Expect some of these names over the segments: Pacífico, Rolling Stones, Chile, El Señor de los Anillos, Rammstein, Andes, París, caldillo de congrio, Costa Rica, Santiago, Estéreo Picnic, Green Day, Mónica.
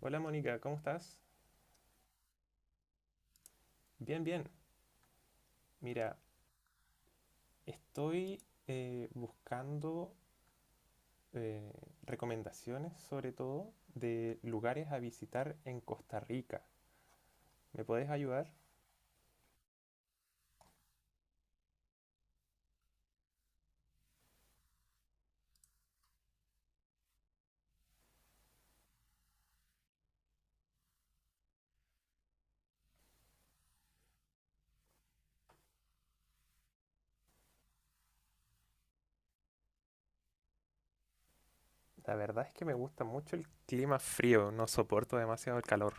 Hola Mónica, ¿cómo estás? Bien, bien. Mira, estoy buscando eh, recomendaciones sobre todo de lugares a visitar en Costa Rica. ¿Me puedes ayudar? La verdad es que me gusta mucho el clima frío, no soporto demasiado el calor.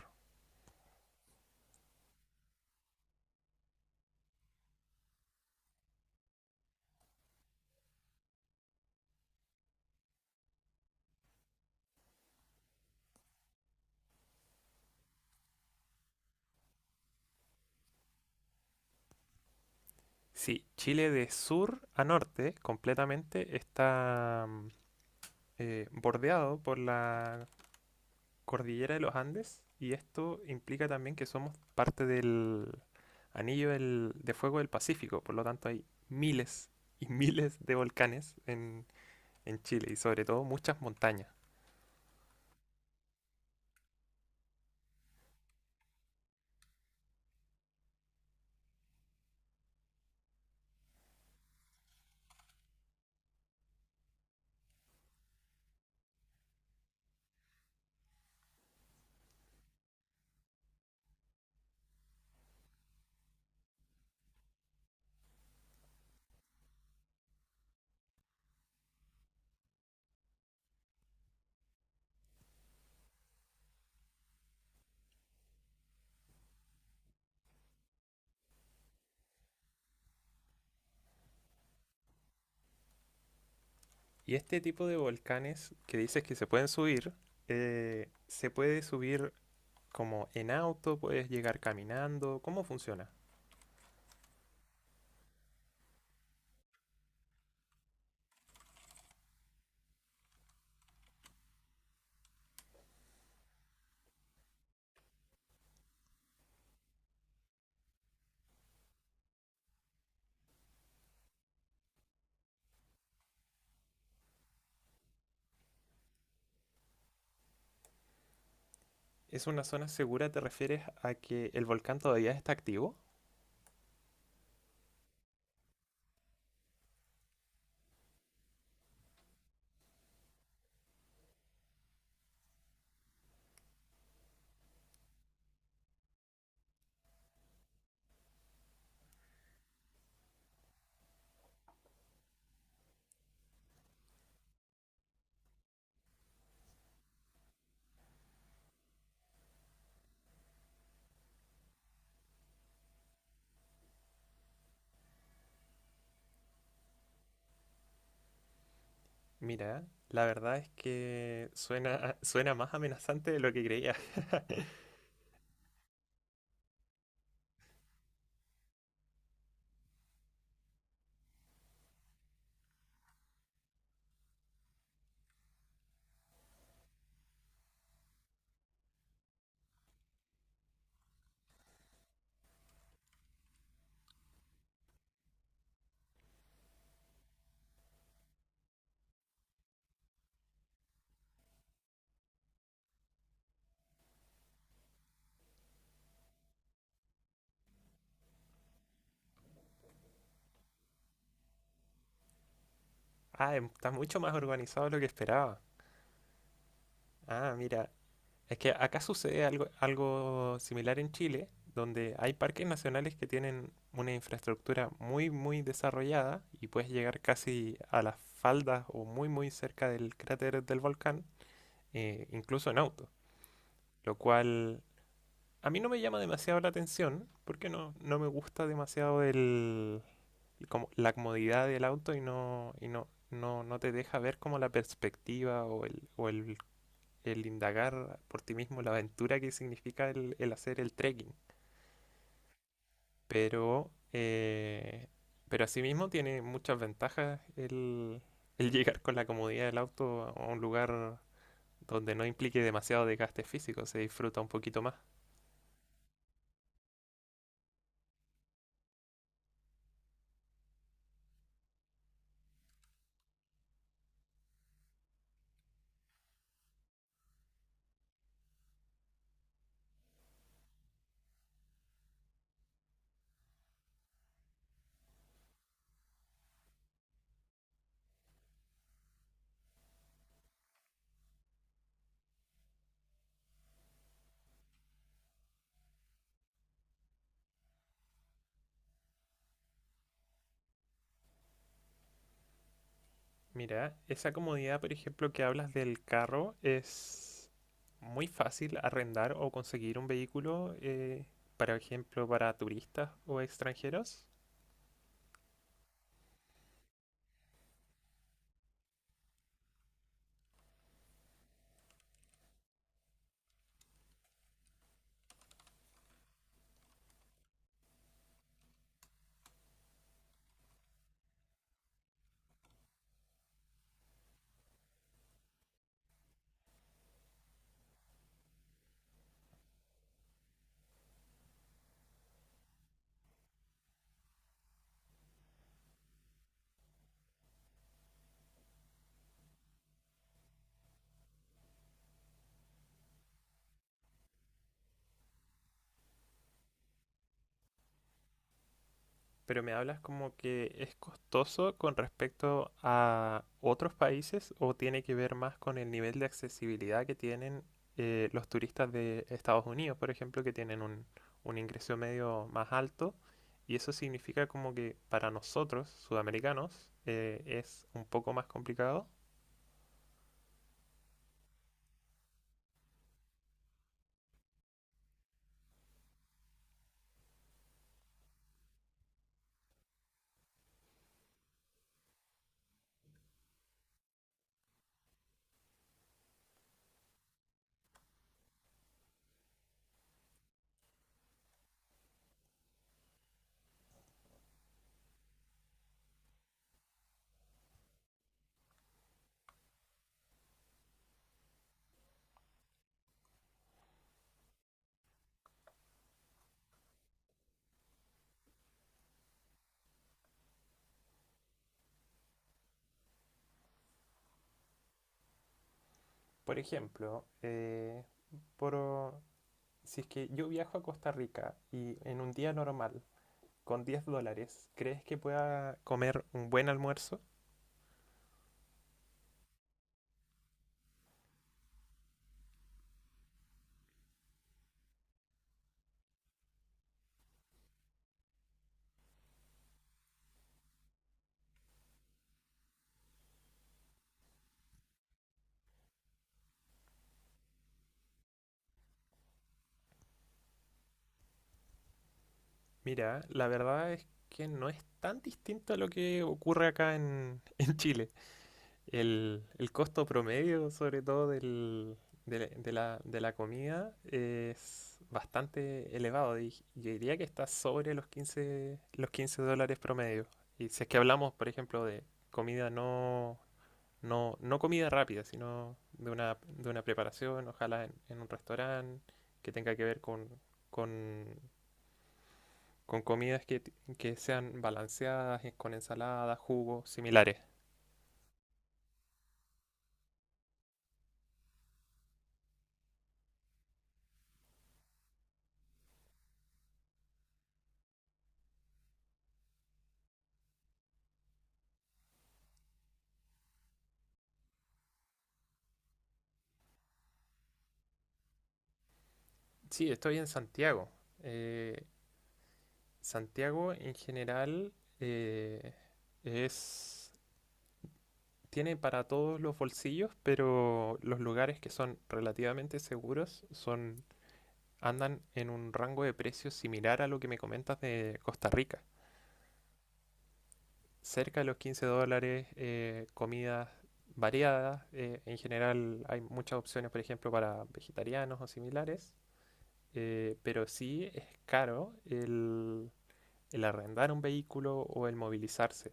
Sí, Chile de sur a norte completamente está bordeado por la cordillera de los Andes y esto implica también que somos parte del anillo de fuego del Pacífico, por lo tanto hay miles y miles de volcanes en Chile y sobre todo muchas montañas. Y este tipo de volcanes que dices que se pueden subir, se puede subir como en auto, puedes llegar caminando, ¿cómo funciona? ¿Es una zona segura? ¿Te refieres a que el volcán todavía está activo? Mira, la verdad es que suena, suena más amenazante de lo que creía. Ah, está mucho más organizado de lo que esperaba. Ah, mira, es que acá sucede algo, algo similar en Chile, donde hay parques nacionales que tienen una infraestructura muy, muy desarrollada y puedes llegar casi a las faldas o muy, muy cerca del cráter del volcán, incluso en auto, lo cual a mí no me llama demasiado la atención porque no me gusta demasiado el, como la comodidad del auto. Y no te deja ver como la perspectiva o el indagar por ti mismo la aventura que significa el hacer el trekking. Pero, eh, pero asimismo tiene muchas ventajas el llegar con la comodidad del auto a un lugar donde no implique demasiado desgaste físico, se disfruta un poquito más. Mira, esa comodidad, por ejemplo, que hablas del carro, es muy fácil arrendar o conseguir un vehículo, por ejemplo, para turistas o extranjeros. Pero me hablas como que es costoso con respecto a otros países, o tiene que ver más con el nivel de accesibilidad que tienen los turistas de Estados Unidos, por ejemplo, que tienen un ingreso medio más alto. Y eso significa como que para nosotros, sudamericanos, es un poco más complicado. Por ejemplo, por, si es que yo viajo a Costa Rica, y en un día normal, con 10 dólares, ¿crees que pueda comer un buen almuerzo? Mira, la verdad es que no es tan distinto a lo que ocurre acá en, en Chile. El costo promedio, sobre todo del, de, la, de la- de la comida, es bastante elevado. Di- Yo diría que está sobre los 15 dólares promedio. Y si es que hablamos, por ejemplo, de comida no comida rápida, sino de de una preparación, ojalá en un restaurante que tenga que ver con con comidas que sean balanceadas, con ensaladas, jugos, similares. Sí, estoy en Santiago. Eh, Santiago en general eh, es, tiene para todos los bolsillos, pero los lugares que son relativamente seguros son, andan en un rango de precios similar a lo que me comentas de Costa Rica. Cerca de los 15 dólares, comidas variadas. En general hay muchas opciones, por ejemplo, para vegetarianos o similares. Pero sí es caro el arrendar un vehículo o el movilizarse.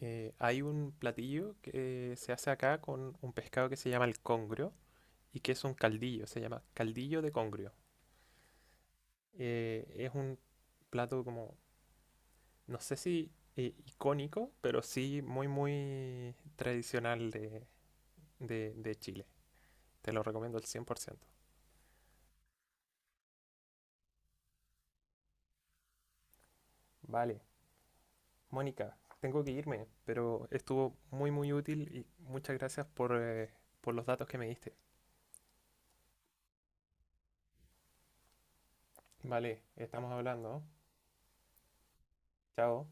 Hay un platillo que se hace acá con un pescado que se llama el congrio, y que es un caldillo, se llama caldillo de congrio. Es un plato como, no sé si icónico, pero sí muy, muy tradicional de de Chile. Te lo recomiendo al 100%. Vale. Mónica, tengo que irme, pero estuvo muy muy útil y muchas gracias por los datos que me diste. Vale, estamos hablando. Chao.